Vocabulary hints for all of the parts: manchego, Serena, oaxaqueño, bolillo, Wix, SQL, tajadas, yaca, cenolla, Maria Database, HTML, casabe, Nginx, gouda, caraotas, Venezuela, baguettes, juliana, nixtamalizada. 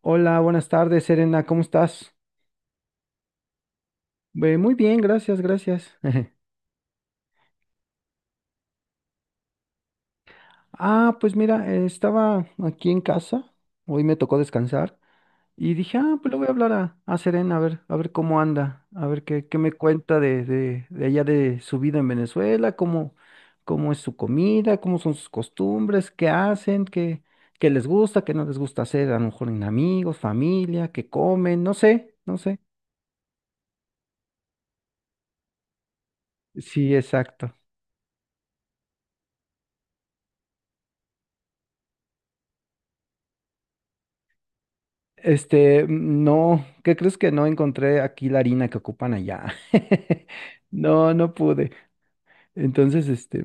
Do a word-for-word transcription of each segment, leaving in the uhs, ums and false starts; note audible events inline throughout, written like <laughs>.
Hola, buenas tardes, Serena, ¿cómo estás? Eh, muy bien, gracias, gracias. <laughs> Ah, pues mira, eh, estaba aquí en casa, hoy me tocó descansar y dije, ah, pues le voy a hablar a, a Serena, a ver, a ver cómo anda, a ver qué, qué me cuenta de, de, de allá de su vida en Venezuela, cómo, cómo es su comida, cómo son sus costumbres, qué hacen, qué, qué les gusta, qué no les gusta hacer, a lo mejor en amigos, familia, qué comen, no sé, no sé. Sí, exacto. Este, no, ¿qué crees que no encontré aquí la harina que ocupan allá? <laughs> No, no pude. Entonces, este,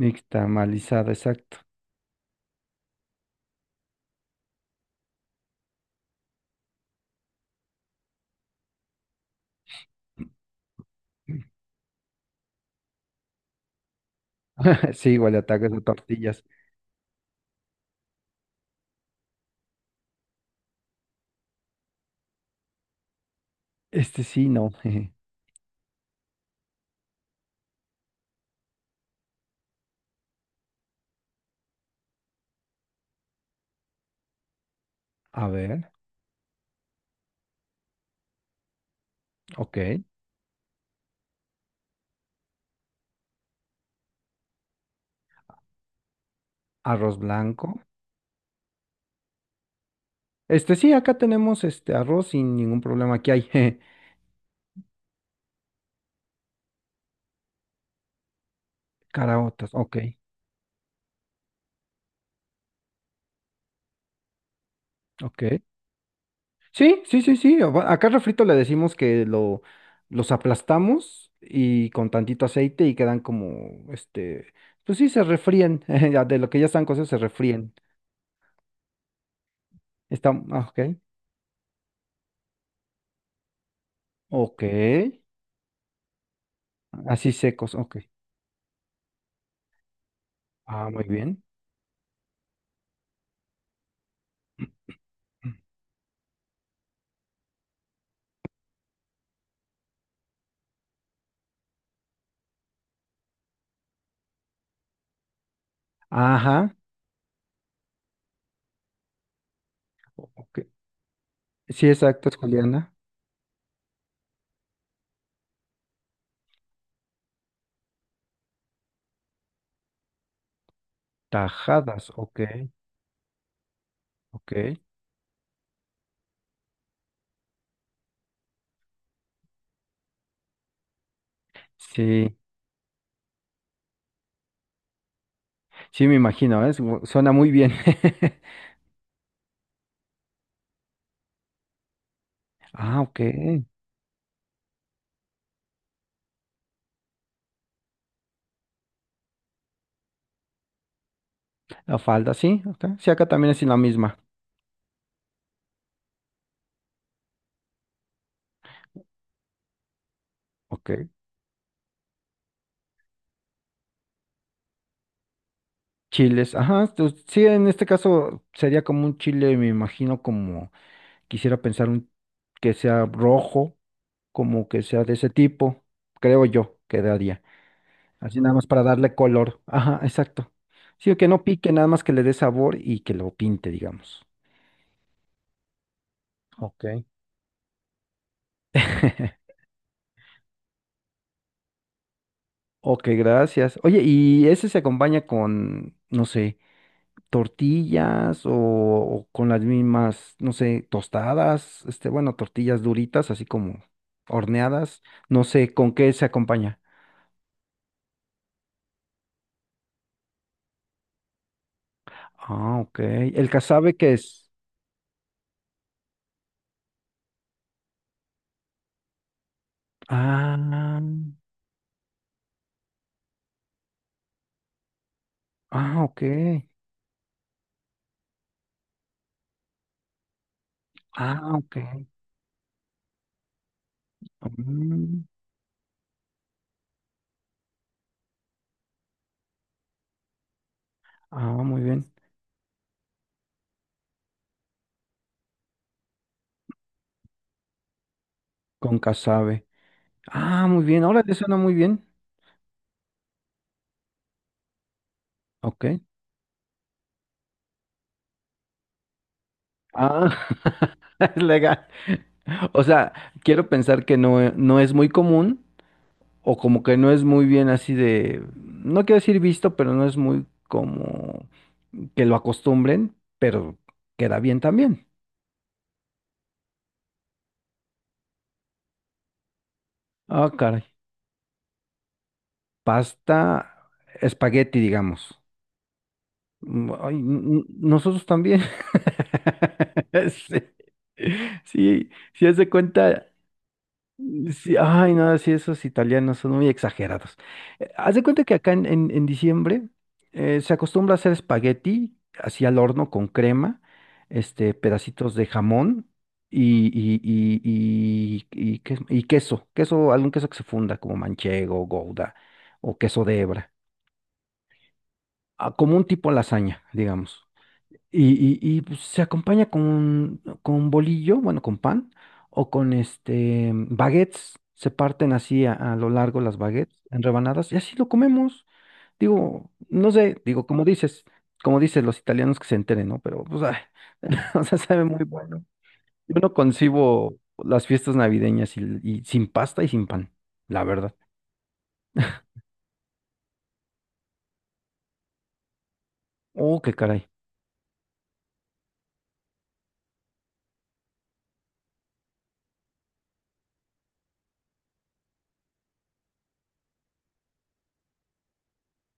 nixtamalizada, exacto. <clears throat> <laughs> Sí, igual ataques de tortillas. Este sí, no. <laughs> A ver, ok. Arroz blanco. Este sí, acá tenemos este arroz sin ningún problema. Aquí hay <laughs> caraotas. Ok, ok. Sí, sí, sí, sí. o- Acá refrito le decimos que lo, los aplastamos y con tantito aceite y quedan como, este, pues sí, se refríen. <laughs> ya De lo que ya están cocidos, se refríen. Están, ah, ok. Ok. Así secos, ok. Ah, muy bien. Ajá. o- ok, sí, exacto, es juliana. Tajadas, ok, ok. Sí, sí, me imagino, ¿eh? Su- Suena muy bien. <laughs> Ah, ok. La falda, sí, ok. Sí, acá también es la misma. Ok. Chiles, ajá, pues, sí, en este caso sería como un chile, me imagino como quisiera pensar un que sea rojo, como que sea de ese tipo, creo yo quedaría. Así nada más para darle color. Ajá, exacto. Sí, que no pique, nada más que le dé sabor y que lo pinte, digamos. Ok. <laughs> Ok, gracias. Oye, y ese se acompaña con, no sé, tortillas o, o con las mismas, no sé, tostadas, este, bueno, tortillas duritas, así como horneadas, no sé, ¿con qué se acompaña? Ah, ok. ¿El casabe qué es? Ah, ah, ok. Ah, ok. Mm, ah, muy bien. Con casabe. Ah, muy bien. Ahora te suena muy bien. Ok. Ah, <laughs> legal. O sea, quiero pensar que no, e- no es muy común, o como que no es muy bien así de, no quiero decir visto, pero no es muy como que lo acostumbren, pero queda bien también. Ah, caray. Pasta, espagueti, digamos. Mm, ay, n- nosotros también. <laughs> Sí, sí, sí, haz de cuenta. Mm, sí, ay, no, sí, esos italianos son muy exagerados. Eh, Haz de cuenta que acá en, en- en diciembre eh, se acostumbra a hacer espagueti así al horno con crema, este, pedacitos de jamón y, y, y, y, y que- y queso, queso, algún queso que se funda como manchego, gouda o queso de hebra, ah, como un tipo lasaña, digamos. Y, y- y, pues, se acompaña con, con bolillo, bueno, con pan, o con este baguettes. Se parten así a, a lo largo las baguettes en rebanadas y así lo comemos. Digo, no sé, digo, como dices, como dicen los italianos que se enteren, ¿no? Pero, pues, ay, <laughs> o sea, sabe muy bueno. Yo no concibo las fiestas navideñas y, y sin pasta y sin pan, la verdad. Oh, qué caray.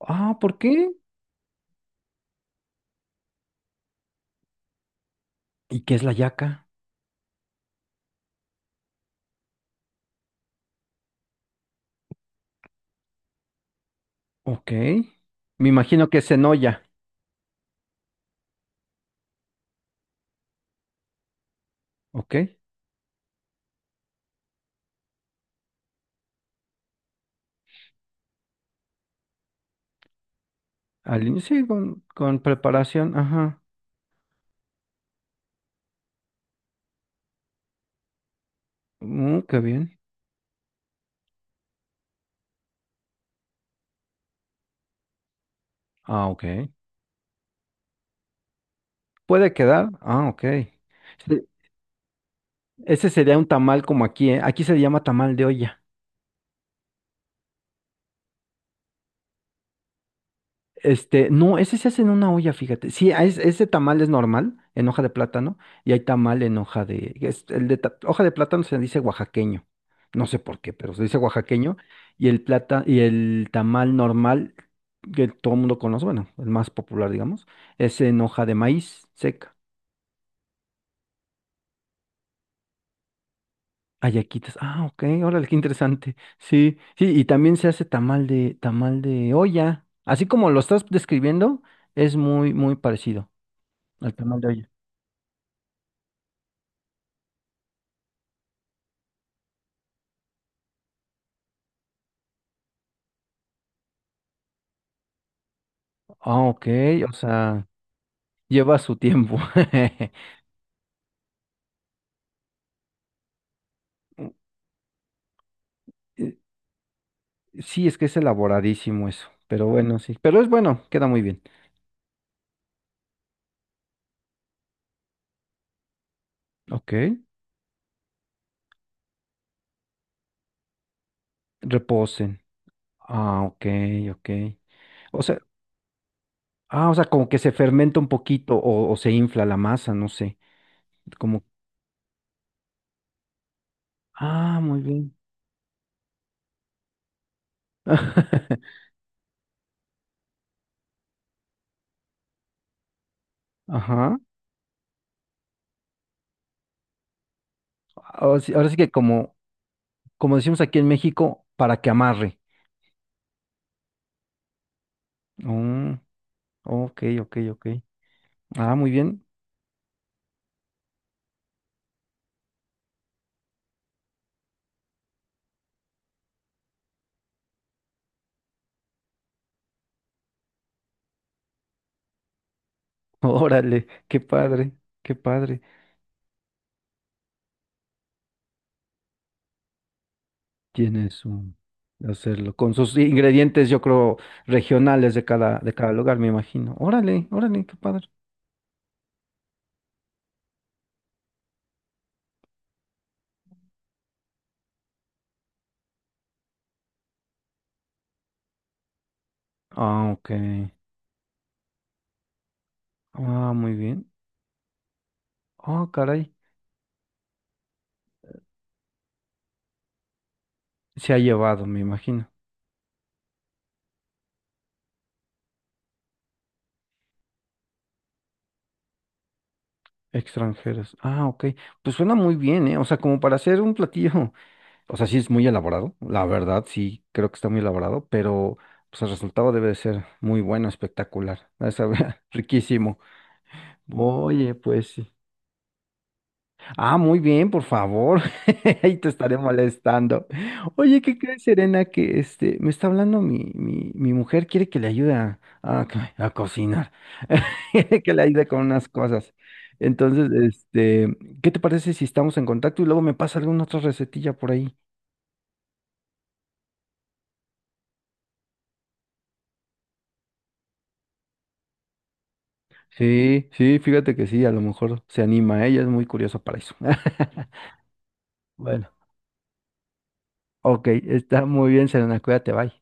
Ah, ¿por qué? ¿Y qué es la yaca? Ok. Me imagino que es cenolla, ¿ok? Al inicio, sí, con, con preparación, ajá. Mm, qué bien. Ah, ok. ¿Puede quedar? Ah, ok. Sí, ese sería un tamal como aquí, ¿eh? Aquí se le llama tamal de olla. Este, no, ese se hace en una olla, fíjate. Sí, a es- ese tamal es normal, en hoja de plátano, y hay tamal en hoja de, es- el de ta- hoja de plátano se dice oaxaqueño. No sé por qué, pero se dice oaxaqueño, y el plata, y el tamal normal, que todo el mundo conoce, bueno, el más popular, digamos, es en hoja de maíz seca. Ayaquitas. Ah, ok, órale, qué interesante. Sí, sí, y también se hace tamal de, tamal de olla. Así como lo estás describiendo, es muy, muy parecido al tamal de olla. Ah, ok, o sea, lleva su tiempo. <laughs> u- Eh, Sí, es que es elaboradísimo eso, pero bueno, sí. Pero es bueno, queda muy bien. Ok, reposen. Ah, ok, ok. O sea, ah, o sea, como que se fermenta un poquito o, o se infla la masa, no sé. Como, ah, muy bien. <laughs> Ajá. Ahora sí, ahora sí que como, como decimos aquí en México, para que amarre. Mm, ok, ok, ok. Ah, muy bien. <laughs> Órale, qué padre, qué padre. Tienes un hacerlo con sus ingredientes, yo creo, regionales de cada, de cada lugar, me imagino. Órale, órale, qué padre. Ah, ok. Ah, muy bien. Ah, caray. Se ha llevado, me imagino. Extranjeros. Ah, ok. Pues suena muy bien, ¿eh? O sea, como para hacer un platillo. O sea, sí es muy elaborado, la verdad, sí creo que está muy elaborado, pero pues el resultado debe de ser muy bueno, espectacular. Va a saber <laughs> riquísimo. Oye, pues sí. Ah, muy bien, por favor. <laughs> Ahí te estaré molestando. Oye, ¿qué crees, Serena? Que este me está hablando mi, mi, mi mujer, quiere que le ayude a, a <laughs> co- a cocinar, <laughs> quiere que le ayude con unas cosas. Entonces, este, ¿qué te parece si estamos en contacto y luego me pasa alguna otra recetilla por ahí? Sí, sí, fíjate que sí, a lo mejor se anima, ella es muy curiosa para eso. <laughs> Bueno, ok, está muy bien, Selena, cuídate, bye.